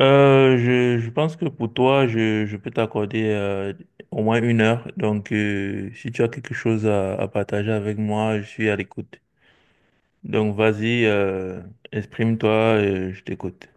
Je pense que pour toi, je peux t'accorder au moins une heure. Donc, si tu as quelque chose à partager avec moi, je suis à l'écoute. Donc, vas-y, exprime-toi, je t'écoute.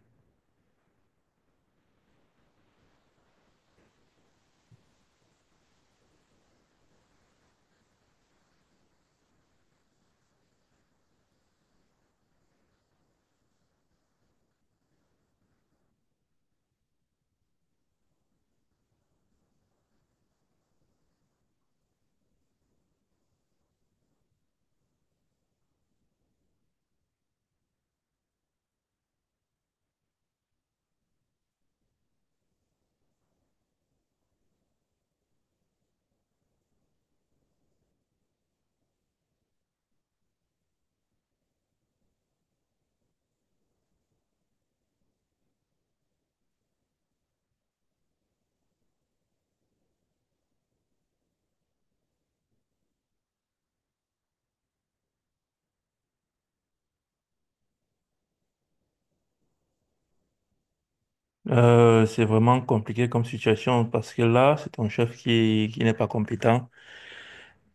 C'est vraiment compliqué comme situation parce que là, c'est ton chef qui n'est pas compétent.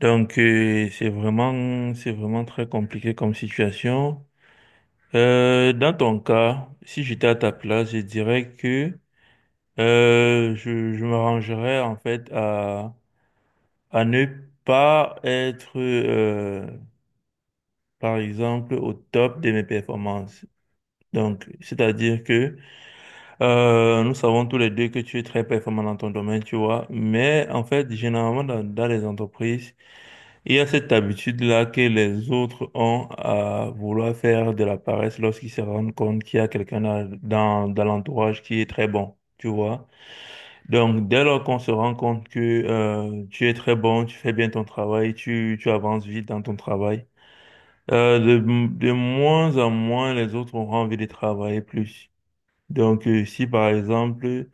Donc, c'est vraiment très compliqué comme situation. Dans ton cas, si j'étais à ta place, je dirais que je m'arrangerais en fait à ne pas être, par exemple, au top de mes performances. Donc, c'est-à-dire que nous savons tous les deux que tu es très performant dans ton domaine, tu vois. Mais en fait, généralement, dans les entreprises, il y a cette habitude-là que les autres ont à vouloir faire de la paresse lorsqu'ils se rendent compte qu'il y a quelqu'un dans, dans l'entourage qui est très bon, tu vois. Donc, dès lors qu'on se rend compte que tu es très bon, tu fais bien ton travail, tu avances vite dans ton travail, euh, de, de moins en moins les autres auront envie de travailler plus. Donc, si par exemple,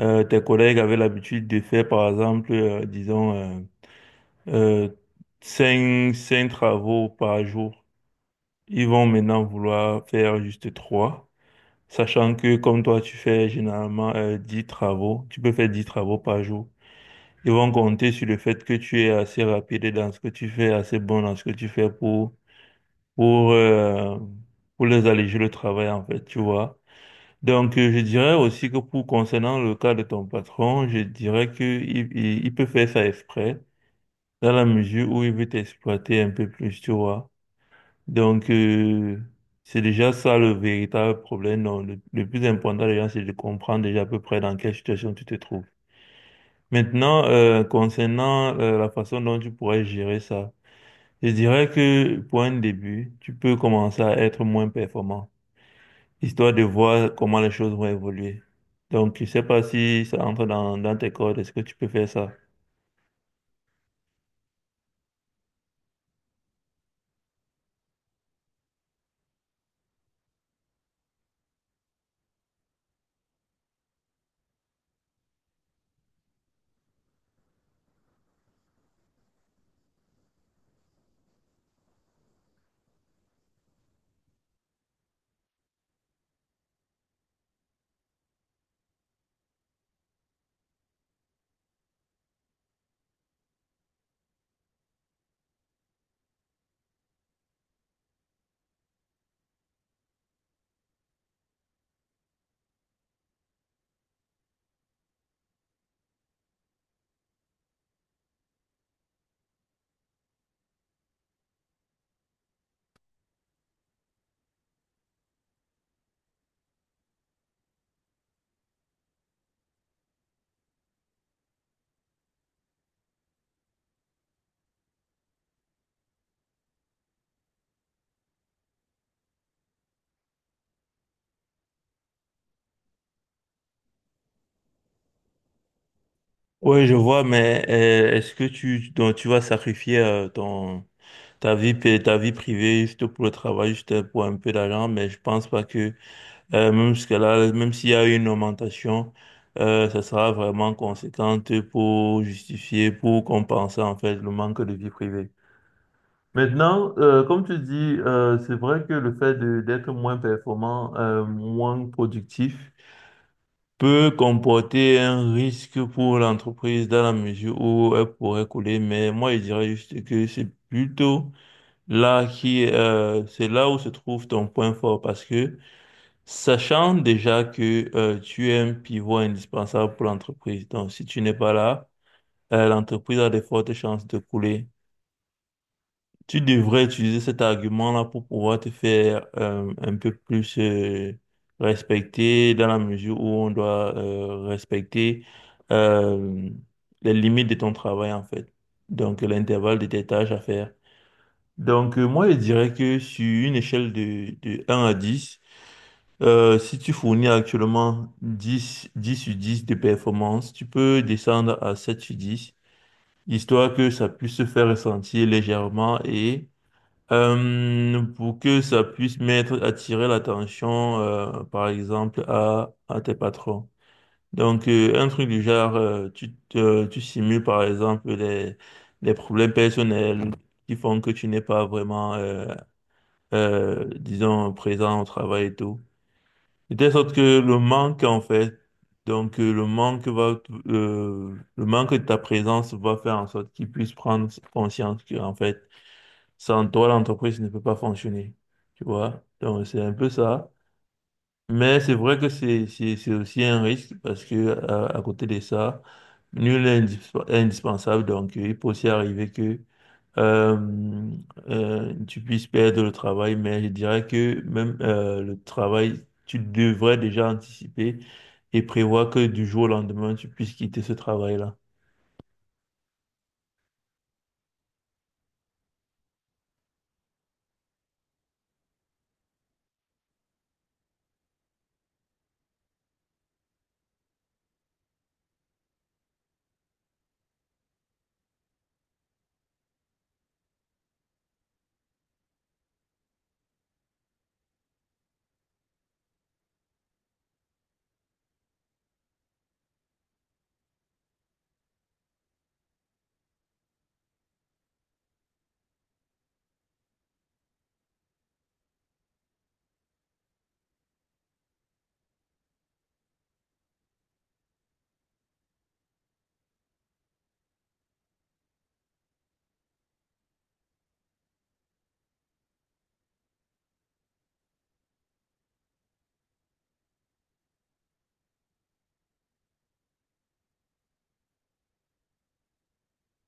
tes collègues avaient l'habitude de faire, par exemple, disons, euh, cinq travaux par jour, ils vont maintenant vouloir faire juste trois, sachant que comme toi, tu fais généralement 10 travaux, tu peux faire 10 travaux par jour. Ils vont compter sur le fait que tu es assez rapide dans ce que tu fais, assez bon dans ce que tu fais pour, euh, pour les alléger le travail, en fait, tu vois. Donc, je dirais aussi que pour concernant le cas de ton patron, je dirais que il peut faire ça exprès, dans la mesure où il veut t'exploiter un peu plus, tu vois. Donc, c'est déjà ça le véritable problème. Non, le plus important, les c'est de comprendre déjà à peu près dans quelle situation tu te trouves. Maintenant, concernant la façon dont tu pourrais gérer ça, je dirais que pour un début, tu peux commencer à être moins performant, histoire de voir comment les choses vont évoluer. Donc, je sais pas si ça entre dans, dans tes cordes, est-ce que tu peux faire ça? Oui, je vois, mais est-ce que tu, donc, tu vas sacrifier ton, ta vie, ta vie privée juste pour le travail, juste pour un peu d'argent, mais je pense pas que même jusqu'à là, même s'il y a eu une augmentation, ça sera vraiment conséquente pour justifier, pour compenser en fait le manque de vie privée. Maintenant, comme tu dis, c'est vrai que le fait d'être moins performant, moins productif, peut comporter un risque pour l'entreprise dans la mesure où elle pourrait couler. Mais moi, je dirais juste que c'est plutôt là qui, c'est là où se trouve ton point fort parce que sachant déjà que tu es un pivot indispensable pour l'entreprise, donc si tu n'es pas là, l'entreprise a de fortes chances de couler. Tu devrais utiliser cet argument-là pour pouvoir te faire un peu plus respecter dans la mesure où on doit respecter euh, les limites de ton travail en fait, donc l'intervalle de tes tâches à faire. Donc moi je dirais que sur une échelle de un à 10. Si tu fournis actuellement dix sur 10 de performance, tu peux descendre à 7 sur 10, histoire que ça puisse se faire ressentir légèrement et pour que ça puisse mettre, attirer l'attention, par exemple, à tes patrons. Donc, un truc du genre, tu simules, par exemple, les problèmes personnels qui font que tu n'es pas vraiment, disons, présent au travail et tout. De telle sorte que le manque, en fait, donc le manque va, le manque de ta présence va faire en sorte qu'ils puissent prendre conscience que, en fait, sans toi, l'entreprise ne peut pas fonctionner. Tu vois? Donc, c'est un peu ça. Mais c'est vrai que c'est aussi un risque parce que, à côté de ça, nul n'est indispensable. Donc, il peut aussi arriver que euh, tu puisses perdre le travail, mais je dirais que même le travail, tu devrais déjà anticiper et prévoir que du jour au lendemain, tu puisses quitter ce travail-là.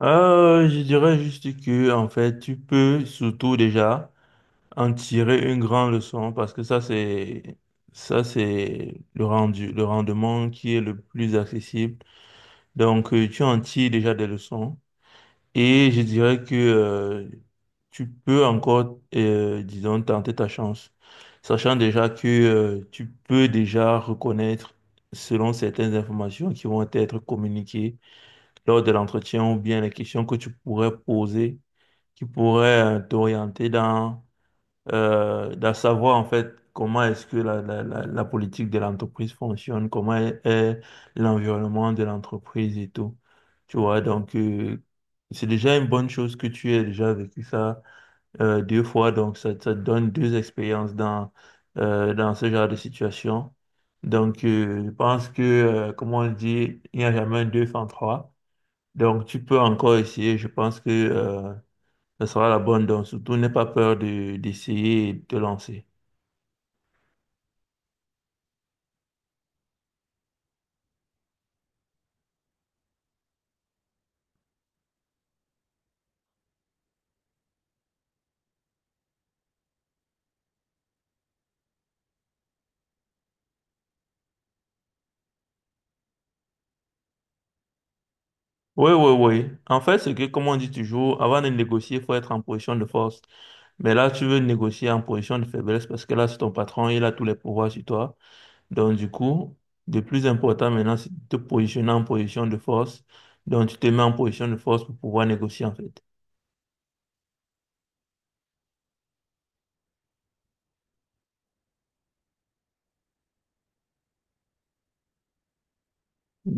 Je dirais juste que, en fait, tu peux surtout déjà en tirer une grande leçon parce que ça, c'est le rendu, le rendement qui est le plus accessible. Donc, tu en tires déjà des leçons. Et je dirais que tu peux encore, disons, tenter ta chance, sachant déjà que tu peux déjà reconnaître, selon certaines informations qui vont être communiquées lors de l'entretien ou bien les questions que tu pourrais poser, qui pourraient t'orienter dans d'à savoir en fait comment est-ce que la politique de l'entreprise fonctionne, comment est l'environnement de l'entreprise et tout. Tu vois, donc c'est déjà une bonne chose que tu aies déjà vécu ça deux fois, donc ça te donne deux expériences dans, dans ce genre de situation. Donc je pense que, comme on dit, il n'y a jamais un deux sans trois. Donc tu peux encore essayer, je pense que... ce sera la bonne donne. Surtout, n'aie pas peur d'essayer et de te lancer. Oui, oui, oui. En fait, c'est que, comme on dit toujours, avant de négocier, il faut être en position de force. Mais là, tu veux négocier en position de faiblesse parce que là, c'est ton patron, il a tous les pouvoirs sur toi. Donc, du coup, le plus important maintenant, c'est de te positionner en position de force. Donc, tu te mets en position de force pour pouvoir négocier, en fait.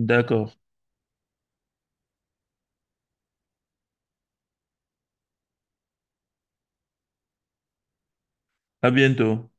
D'accord. À bientôt.